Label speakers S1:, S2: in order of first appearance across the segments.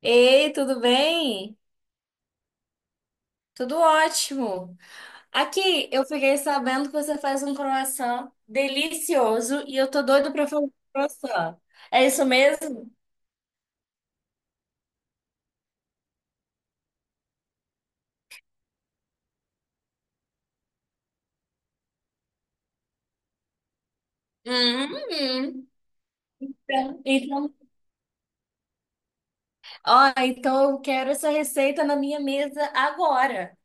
S1: Ei, tudo bem? Tudo ótimo. Aqui, eu fiquei sabendo que você faz um croissant delicioso e eu tô doido pra fazer um croissant. É isso mesmo? Hum, então, ó, então eu quero essa receita na minha mesa agora.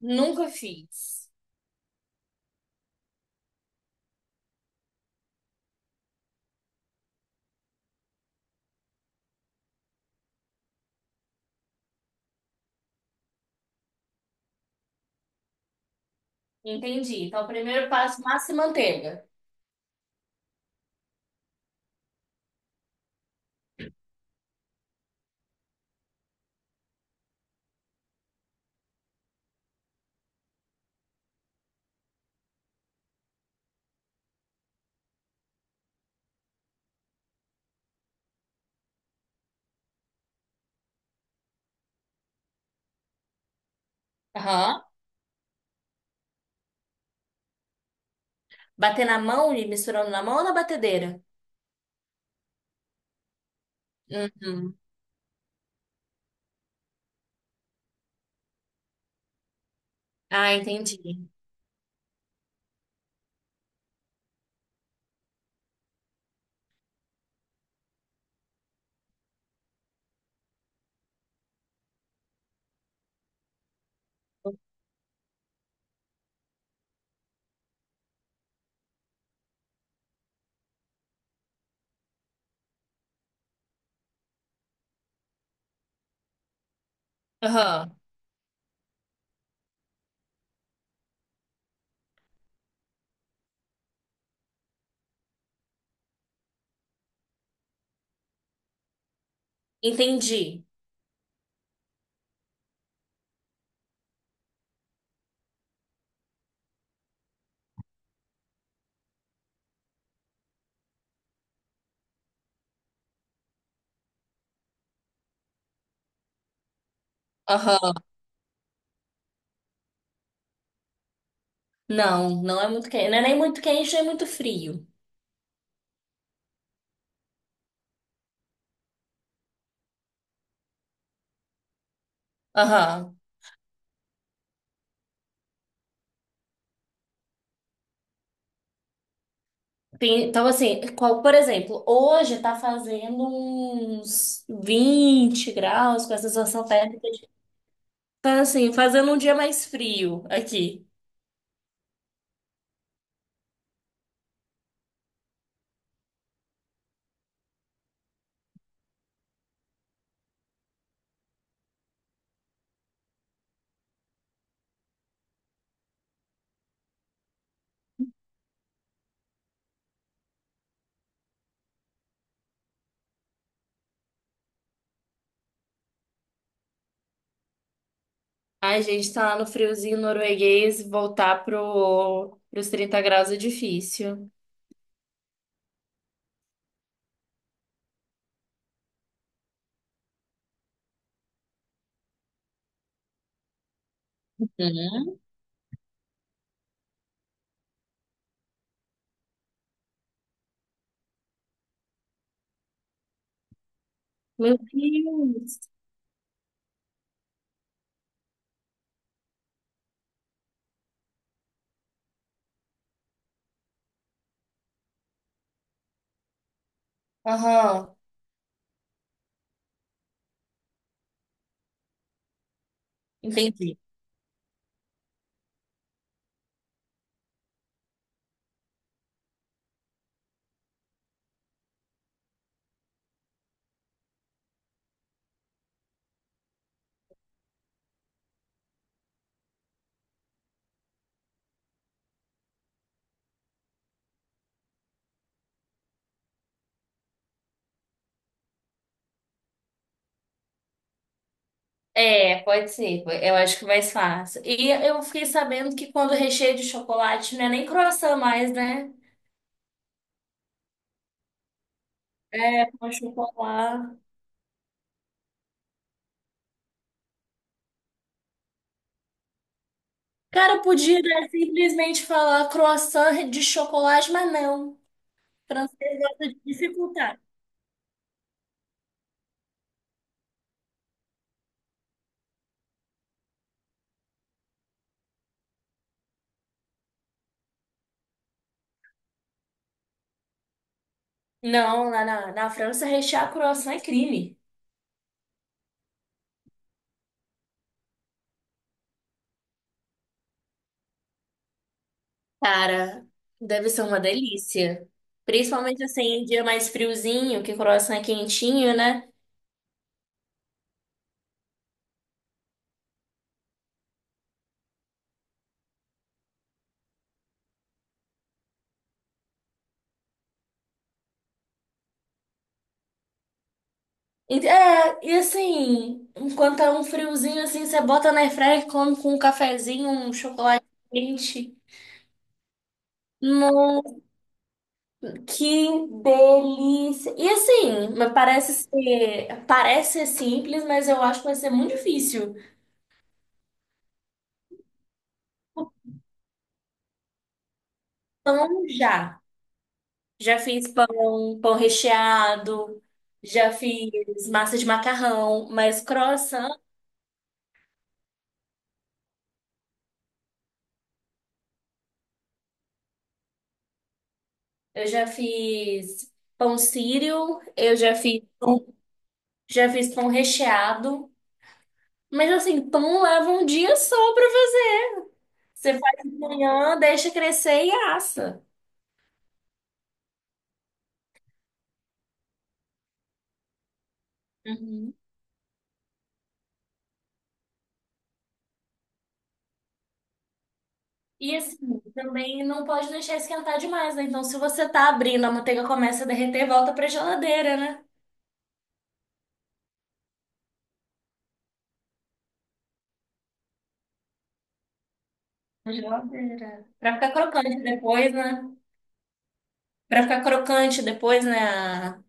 S1: Nunca fiz. Entendi. Então, o primeiro passo, massa e manteiga. Aham. Bater na mão e misturando na mão ou na batedeira? Uhum. Ah, entendi. Aham. Entendi. Aham. Não, não é muito quente. Não é nem muito quente, nem muito frio. Aham. Então, assim, por exemplo, hoje tá fazendo uns 20 graus com a sensação térmica. Tá, assim, fazendo um dia mais frio aqui. A gente tá lá no friozinho norueguês, voltar pro, pros 30 graus é difícil. Uhum. Meu Deus! Aham, entendi. É, pode ser. Eu acho que mais fácil. E eu fiquei sabendo que quando recheio de chocolate não é nem croissant mais, né? É, com chocolate. Cara, podia, né, simplesmente falar croissant de chocolate, mas não. Francês gosta de dificultar. Não, lá na, na França rechear croissant é crime. Cara, deve ser uma delícia. Principalmente assim, em dia mais friozinho, que croissant é quentinho, né? É, e assim, enquanto tá um friozinho assim, você bota na airfryer e come com um cafezinho, um chocolate quente. Não, que delícia! E assim, mas parece ser simples, mas eu acho que vai ser muito difícil. Pão já. Já fiz pão, pão recheado, já fiz massa de macarrão, mas croissant, eu já fiz pão sírio, já fiz pão recheado. Mas assim, pão leva um dia só pra fazer. Você faz de manhã, deixa crescer e assa. Uhum. E assim, também não pode deixar esquentar demais, né? Então, se você tá abrindo, a manteiga começa a derreter, volta pra geladeira, né? Na geladeira. Pra ficar crocante depois, né? Pra ficar crocante depois, né? A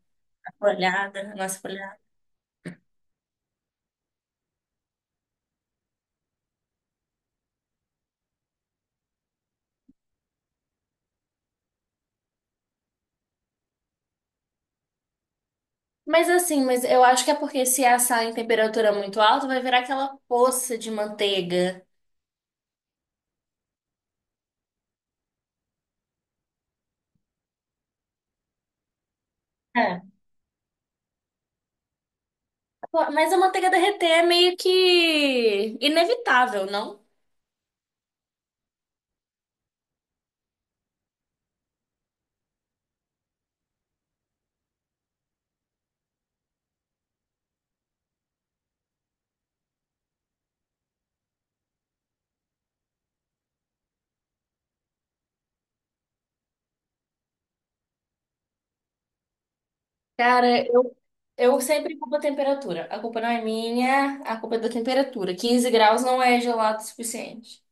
S1: folhada, a nossa folhada. Mas assim, mas eu acho que é porque se assar em temperatura muito alta, vai virar aquela poça de manteiga. Mas a manteiga derreter é meio que inevitável, não? Cara, eu sempre culpo a temperatura. A culpa não é minha, a culpa é da temperatura. 15 graus não é gelado o suficiente.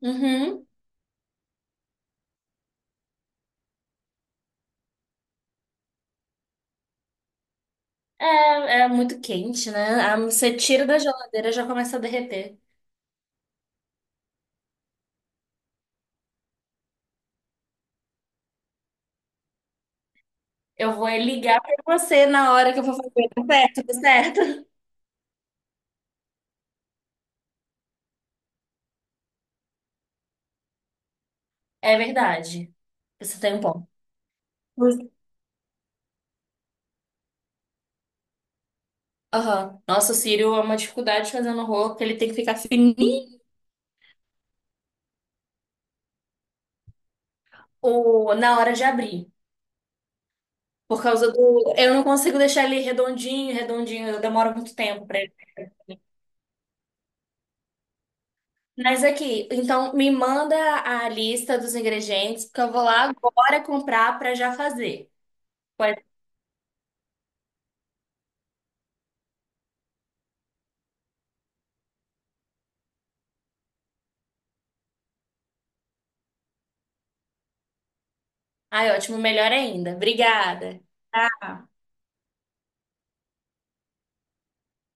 S1: Uhum. É, é muito quente, né? Ah, você tira da geladeira já começa a derreter. Eu vou é ligar pra você na hora que eu for fazer. Tá certo, tá certo. É verdade. Você tem um ponto. Aham. Nossa, o cílio é uma dificuldade fazendo rolo, porque ele tem que ficar fininho ou na hora de abrir. Por causa do. Eu não consigo deixar ele redondinho, redondinho, eu demoro muito tempo pra ele. Mas aqui, então me manda a lista dos ingredientes, porque eu vou lá agora comprar pra já fazer. Pode... Ai, ótimo, melhor ainda. Obrigada. Tá.